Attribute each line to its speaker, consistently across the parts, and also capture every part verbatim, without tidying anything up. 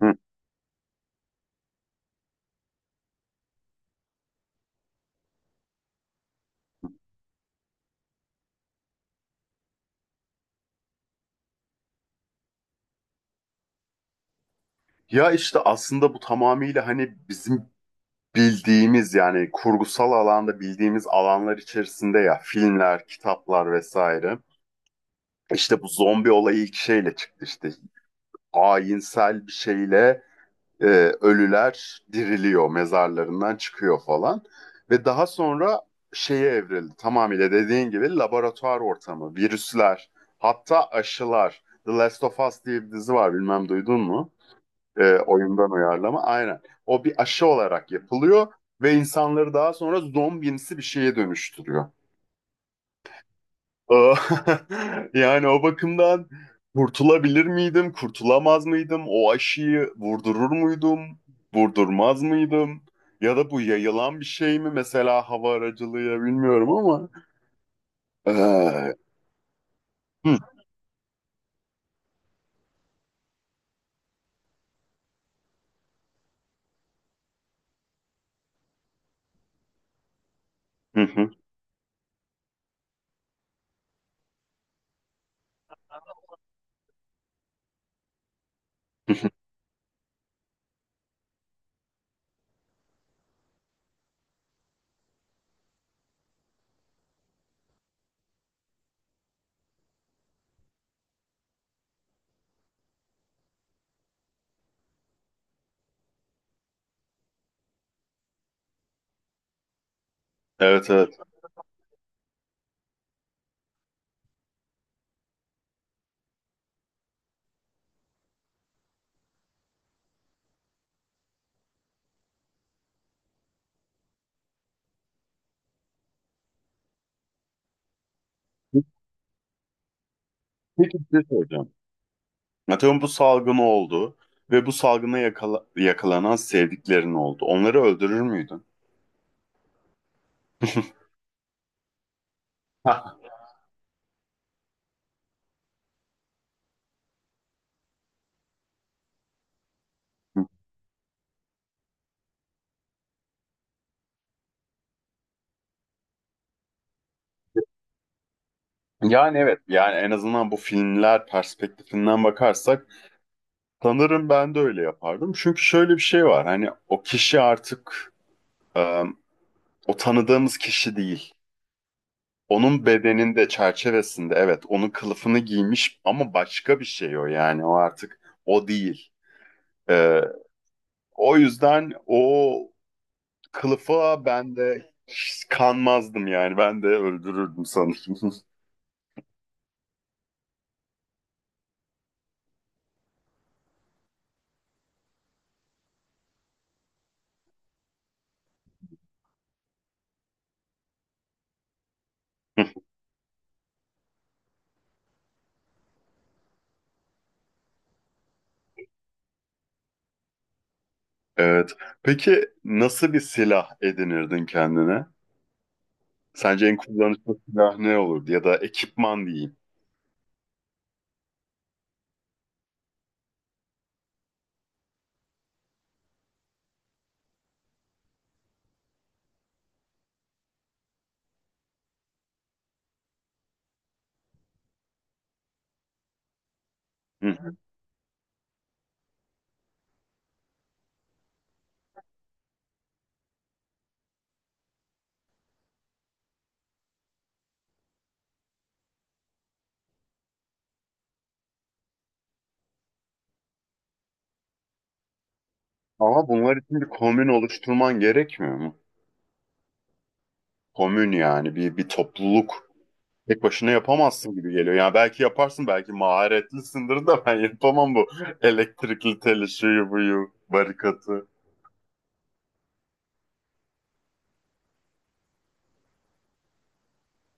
Speaker 1: Hı. Ya işte aslında bu tamamıyla hani bizim bildiğimiz, yani kurgusal alanda bildiğimiz alanlar içerisinde, ya filmler, kitaplar vesaire. İşte bu zombi olayı ilk şeyle çıktı, işte ayinsel bir şeyle e, ölüler diriliyor, mezarlarından çıkıyor falan. Ve daha sonra şeye evrildi, tamamıyla dediğin gibi laboratuvar ortamı, virüsler, hatta aşılar. The Last of Us diye bir dizi var, bilmem duydun mu? E, oyundan uyarlama aynen. O bir aşı olarak yapılıyor ve insanları daha sonra zombimsi bir şeye dönüştürüyor. Ee, Yani o bakımdan kurtulabilir miydim, kurtulamaz mıydım? O aşıyı vurdurur muydum, vurdurmaz mıydım? Ya da bu yayılan bir şey mi? Mesela hava aracılığıyla, bilmiyorum ama. Ee, hı, hı, hı, hı. Evet, evet. Peki, bir şey soracağım. Atıyorum, bu salgın oldu ve bu salgına yakala- yakalanan sevdiklerin oldu. Onları öldürür müydün? Ha. Yani evet, yani en azından bu filmler perspektifinden bakarsak sanırım ben de öyle yapardım. Çünkü şöyle bir şey var, hani o kişi artık, e, o tanıdığımız kişi değil. Onun bedeninde, çerçevesinde, evet, onun kılıfını giymiş ama başka bir şey o, yani o artık o değil. E, O yüzden o kılıfa ben de kanmazdım yani. Ben de öldürürdüm sanırım. Evet. Peki, nasıl bir silah edinirdin kendine? Sence en kullanışlı silah ne olurdu? Ya da ekipman diyeyim. Hı. Ama bunlar için bir komün oluşturman gerekmiyor mu? Komün, yani bir, bir topluluk. Tek başına yapamazsın gibi geliyor. Yani belki yaparsın, belki maharetlisindir de ben yapamam bu elektrikli teli, şuyu buyu, barikatı.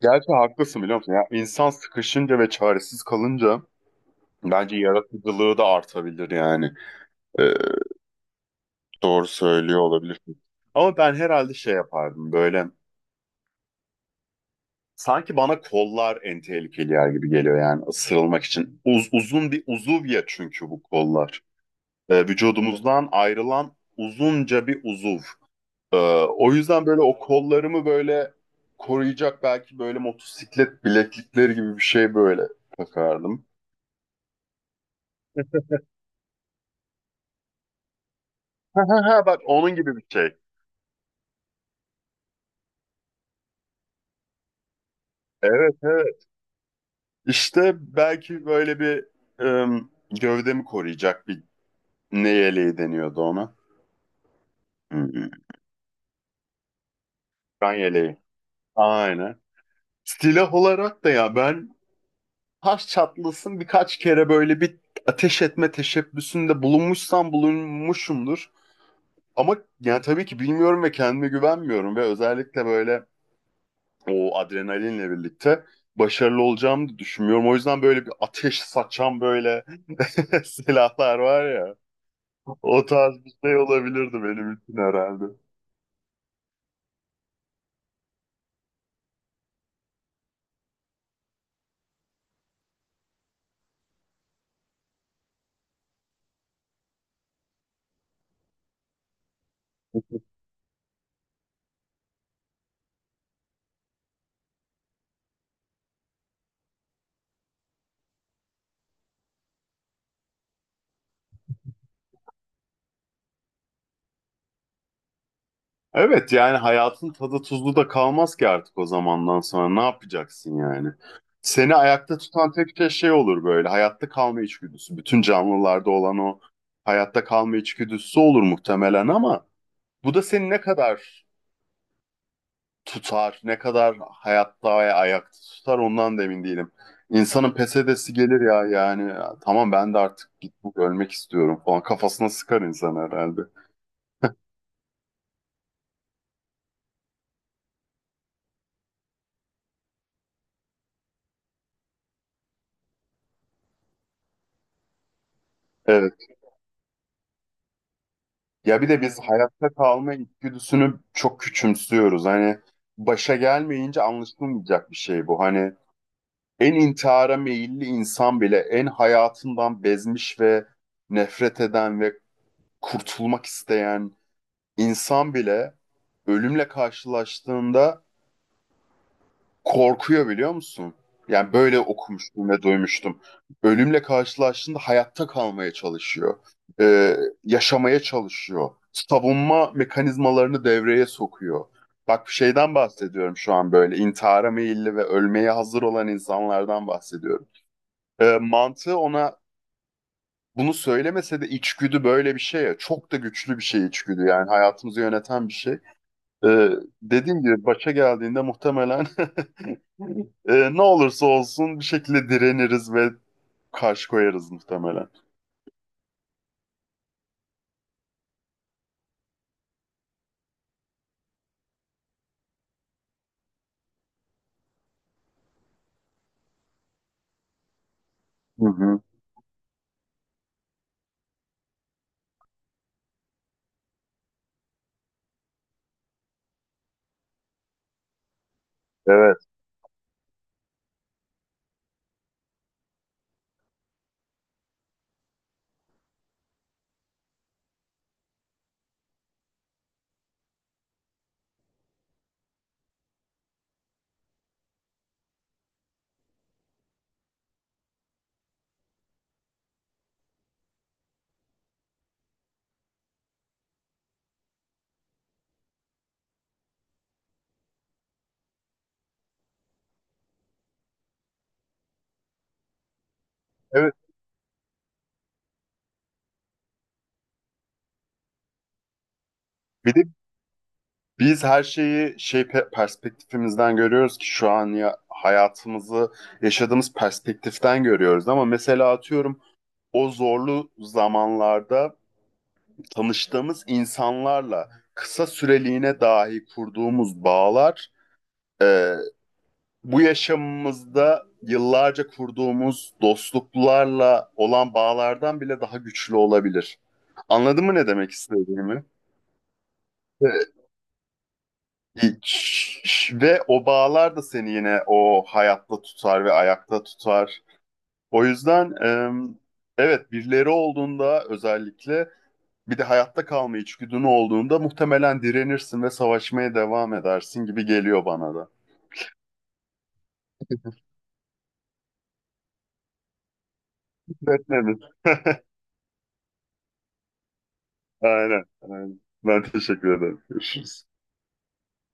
Speaker 1: Gerçi haklısın, biliyor musun? Ya, insan sıkışınca ve çaresiz kalınca bence yaratıcılığı da artabilir yani. Ee, doğru söylüyor olabilirsin. Ama ben herhalde şey yapardım böyle. Sanki bana kollar en tehlikeli yer gibi geliyor, yani ısırılmak için. Uz- uzun bir uzuv ya, çünkü bu kollar. Ee, vücudumuzdan ayrılan uzunca bir uzuv. Ee, o yüzden böyle o kollarımı böyle koruyacak belki böyle motosiklet bileklikleri gibi bir şey böyle takardım. Ha ha ha, bak onun gibi bir şey. Evet, evet. İşte belki böyle bir ım, gövdemi koruyacak bir, ne yeleği deniyordu ona. Hmm, Kan yeleği. Aynen. Silah olarak da ya ben taş çatlasın birkaç kere böyle bir ateş etme teşebbüsünde bulunmuşsam bulunmuşumdur. Ama yani tabii ki bilmiyorum ve kendime güvenmiyorum ve özellikle böyle o adrenalinle birlikte başarılı olacağımı düşünmüyorum. O yüzden böyle bir ateş saçan böyle silahlar var ya. O tarz bir şey olabilirdi benim için herhalde. Evet, yani hayatın tadı tuzlu da kalmaz ki artık o zamandan sonra. Ne yapacaksın yani? Seni ayakta tutan tek şey şey olur böyle. Hayatta kalma içgüdüsü. Bütün canlılarda olan o hayatta kalma içgüdüsü olur muhtemelen ama bu da seni ne kadar tutar, ne kadar hayatta ve ayakta tutar ondan da emin değilim. İnsanın pes edesi gelir ya, yani tamam ben de artık, git bu, ölmek istiyorum falan, kafasına sıkar insan herhalde. Evet. Ya bir de biz hayatta kalma içgüdüsünü çok küçümsüyoruz. Hani başa gelmeyince anlaşılmayacak bir şey bu. Hani en intihara meyilli insan bile, en hayatından bezmiş ve nefret eden ve kurtulmak isteyen insan bile ölümle karşılaştığında korkuyor, biliyor musun? Yani böyle okumuştum ve duymuştum. Ölümle karşılaştığında hayatta kalmaya çalışıyor. Ee, yaşamaya çalışıyor. Savunma mekanizmalarını devreye sokuyor. Bak, bir şeyden bahsediyorum şu an böyle. İntihara meyilli ve ölmeye hazır olan insanlardan bahsediyorum. Ee, mantığı ona bunu söylemese de içgüdü böyle bir şey ya. Çok da güçlü bir şey içgüdü, yani hayatımızı yöneten bir şey. Ee, dediğim gibi başa geldiğinde muhtemelen Ee, ne olursa olsun bir şekilde direniriz ve karşı koyarız muhtemelen. Hı hı. Evet. Evet. Bir de biz her şeyi şey, pe- perspektifimizden görüyoruz ki şu an ya hayatımızı yaşadığımız perspektiften görüyoruz, ama mesela atıyorum o zorlu zamanlarda tanıştığımız insanlarla kısa süreliğine dahi kurduğumuz bağlar, e, bu yaşamımızda yıllarca kurduğumuz dostluklarla olan bağlardan bile daha güçlü olabilir. Anladın mı ne demek istediğimi? Ee, Ve o bağlar da seni yine o hayatta tutar ve ayakta tutar. O yüzden evet, birileri olduğunda, özellikle bir de hayatta kalma içgüdün olduğunda muhtemelen direnirsin ve savaşmaya devam edersin gibi geliyor bana da. Etmemiz. Aynen, aynen. Ben teşekkür ederim. Görüşürüz.